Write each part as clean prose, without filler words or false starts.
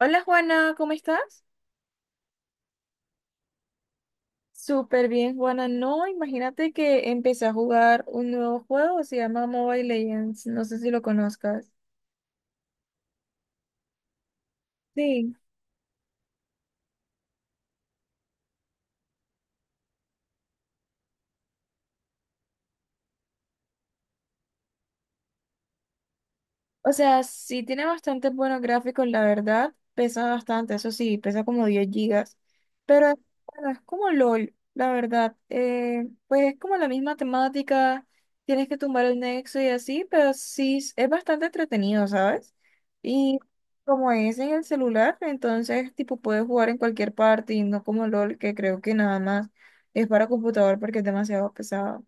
Hola Juana, ¿cómo estás? Súper bien, Juana. No, imagínate que empecé a jugar un nuevo juego, se llama Mobile Legends, no sé si lo conozcas. Sí. O sea, sí tiene bastantes buenos gráficos, la verdad. Pesa bastante, eso sí, pesa como 10 gigas. Pero es bueno, es como LOL, la verdad. Pues es como la misma temática, tienes que tumbar el nexo y así, pero sí es bastante entretenido, ¿sabes? Y como es en el celular, entonces tipo puedes jugar en cualquier parte y no como LOL, que creo que nada más es para computador porque es demasiado pesado.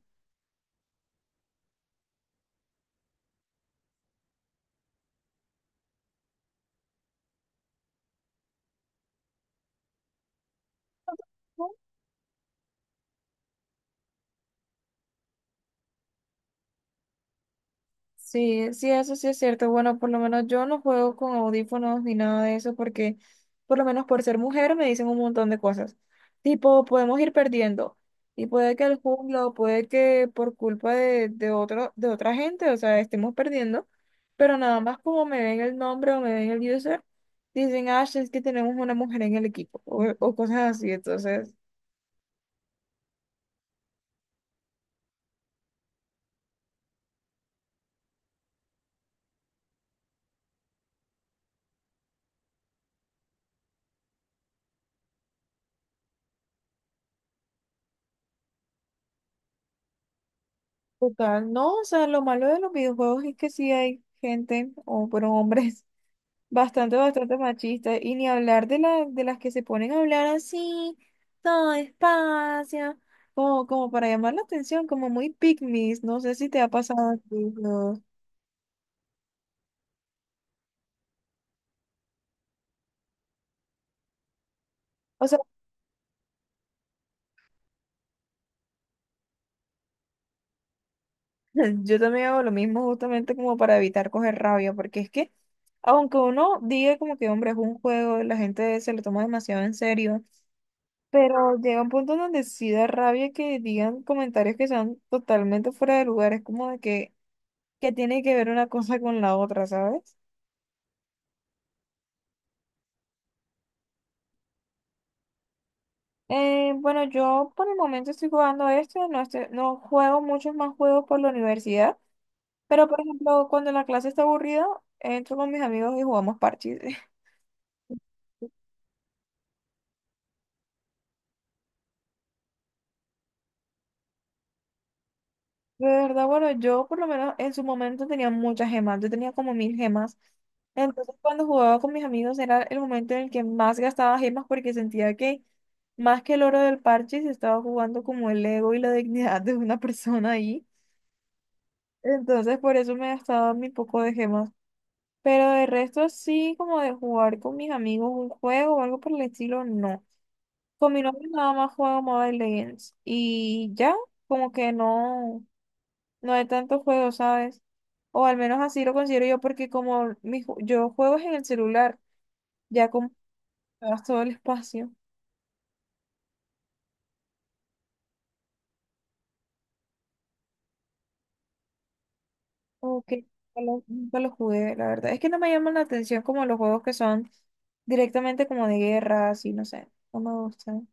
Sí, sí, eso sí es cierto. Bueno, por lo menos yo no juego con audífonos ni nada de eso porque, por lo menos por ser mujer, me dicen un montón de cosas. Tipo, podemos ir perdiendo. Y puede que el jungla o puede que por culpa de otro, de otra gente, o sea, estemos perdiendo. Pero nada más como me ven el nombre o me ven el user, dicen, ah, sí, es que tenemos una mujer en el equipo o cosas así. Entonces, total, no, o sea, lo malo de los videojuegos es que sí hay gente o fueron hombres bastante, bastante machista. Y ni hablar de, la, de las que se ponen a hablar así, todo despacio, como, como para llamar la atención, como muy pick me. No sé si te ha pasado a ti, ¿no? O sea, yo también hago lo mismo justamente como para evitar coger rabia, porque es que, aunque uno diga como que, hombre, es un juego, la gente se lo toma demasiado en serio, pero llega un punto donde sí da rabia que digan comentarios que sean totalmente fuera de lugar. Es como de que tiene que ver una cosa con la otra, ¿sabes? Bueno, yo por el momento estoy jugando este, no, estoy, no juego muchos más juegos por la universidad, pero por ejemplo, cuando la clase está aburrida, entro con mis amigos y jugamos parches. De verdad, bueno, yo por lo menos en su momento tenía muchas gemas, yo tenía como 1000 gemas. Entonces, cuando jugaba con mis amigos era el momento en el que más gastaba gemas porque sentía que más que el oro del parche se estaba jugando como el ego y la dignidad de una persona ahí. Entonces, por eso me gastaba mi poco de gemas. Pero de resto sí, como de jugar con mis amigos un juego o algo por el estilo, no. Con mi novio nada más juego Mobile Legends y ya, como que no, no hay tantos juegos, ¿sabes? O al menos así lo considero yo porque como yo juego es en el celular, ya como me gasto todo el espacio. Ok, nunca lo jugué, la verdad. Es que no me llaman la atención como los juegos que son directamente como de guerra, así, no sé, no me gustan.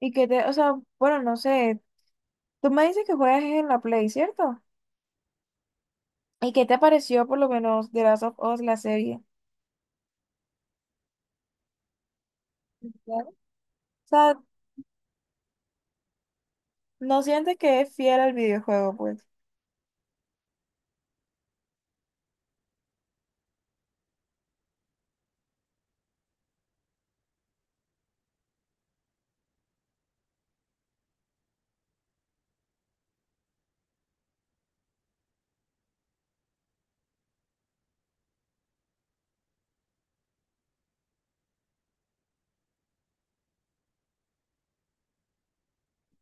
Y que te, o sea, bueno, no sé, tú me dices que juegas en la Play, ¿cierto? ¿Y qué te pareció por lo menos de Last of Us, la serie? Claro. O sea, ¿no sientes que es fiel al videojuego, pues?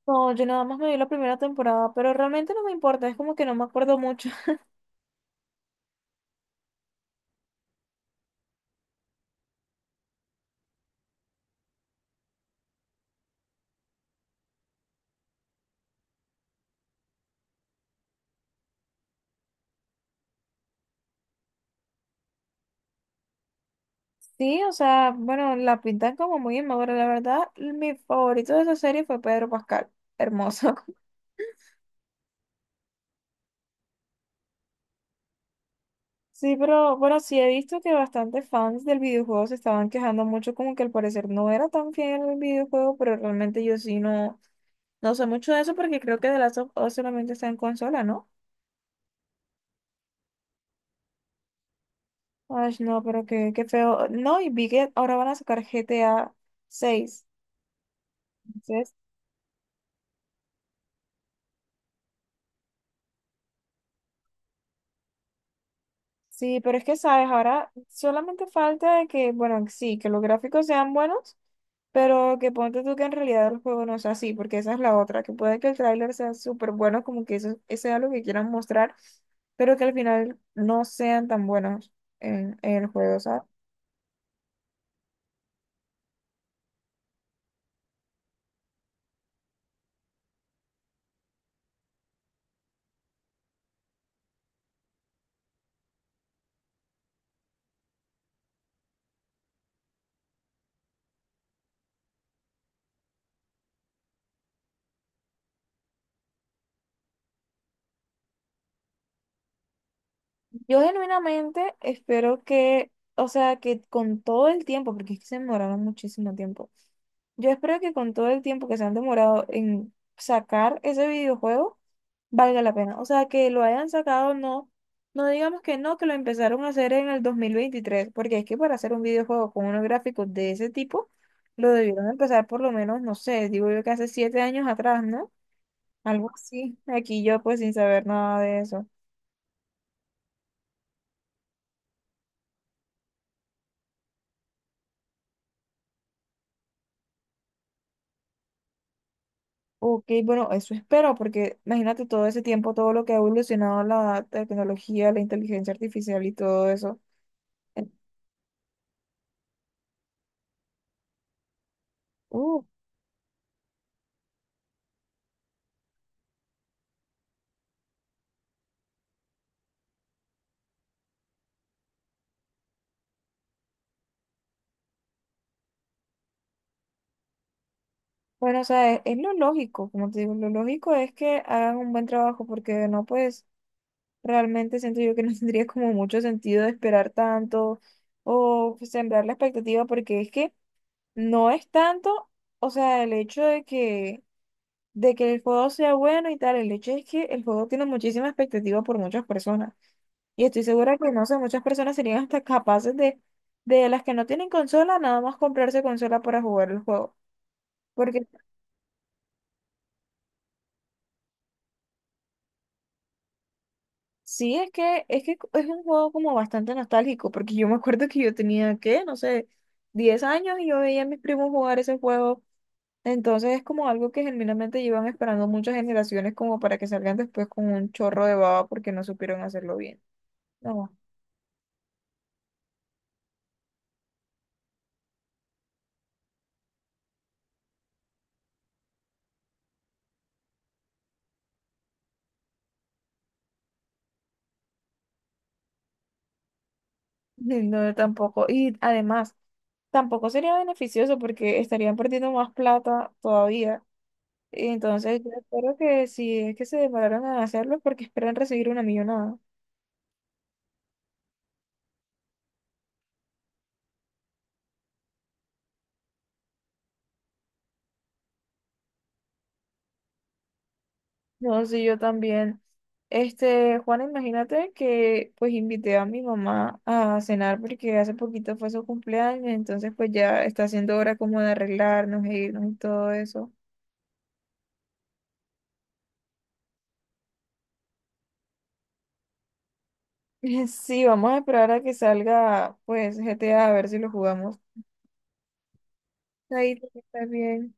No, yo nada más me vi la primera temporada, pero realmente no me importa, es como que no me acuerdo mucho. Sí, o sea, bueno, la pintan como muy inmadura, la verdad, mi favorito de esa serie fue Pedro Pascal, hermoso. Sí, pero bueno, sí he visto que bastantes fans del videojuego se estaban quejando mucho, como que al parecer no era tan fiel al videojuego, pero realmente yo sí no. No sé mucho de eso porque creo que The Last of Us solamente está en consola, ¿no? Ay, no, pero qué, qué feo. No, y vi que ahora van a sacar GTA VI. Entonces, sí, pero es que, ¿sabes? Ahora solamente falta de que, bueno, sí, que los gráficos sean buenos, pero que ponte tú que en realidad el juego no sea así, porque esa es la otra, que puede que el tráiler sea súper bueno, como que eso sea lo que quieran mostrar, pero que al final no sean tan buenos en el juego, ¿sabes? Yo genuinamente espero que, o sea, que con todo el tiempo, porque es que se demoraron muchísimo tiempo, yo espero que con todo el tiempo que se han demorado en sacar ese videojuego, valga la pena. O sea, que lo hayan sacado, no, no digamos que no, que lo empezaron a hacer en el 2023, porque es que para hacer un videojuego con unos gráficos de ese tipo, lo debieron empezar por lo menos, no sé, digo yo que hace 7 años atrás, ¿no? Algo así. Aquí yo pues sin saber nada de eso. Ok, bueno, eso espero, porque imagínate todo ese tiempo, todo lo que ha evolucionado la tecnología, la inteligencia artificial y todo eso. En- Uh, bueno, o sea, es lo lógico, como te digo, lo lógico es que hagan un buen trabajo, porque de no, pues realmente siento yo que no tendría como mucho sentido de esperar tanto o sembrar la expectativa, porque es que no es tanto, o sea, el hecho de que el juego sea bueno y tal, el hecho es que el juego tiene muchísima expectativa por muchas personas. Y estoy segura que, no sé, muchas personas serían hasta capaces de las que no tienen consola, nada más comprarse consola para jugar el juego. Porque sí, es que, es que es un juego como bastante nostálgico, porque yo me acuerdo que yo tenía, ¿qué? No sé, 10 años y yo veía a mis primos jugar ese juego. Entonces es como algo que genuinamente llevan esperando muchas generaciones como para que salgan después con un chorro de baba porque no supieron hacerlo bien. No, sí, no, yo tampoco. Y además, tampoco sería beneficioso porque estarían perdiendo más plata todavía. Y entonces, yo espero que si es que se demoraron en hacerlo, porque esperan recibir una millonada. No, sí, yo también. Este, Juan, imagínate que pues invité a mi mamá a cenar porque hace poquito fue su cumpleaños, entonces pues ya está haciendo hora como de arreglarnos e irnos y todo eso. Sí, vamos a esperar a que salga pues G GTA a ver si lo jugamos. Ahí está bien.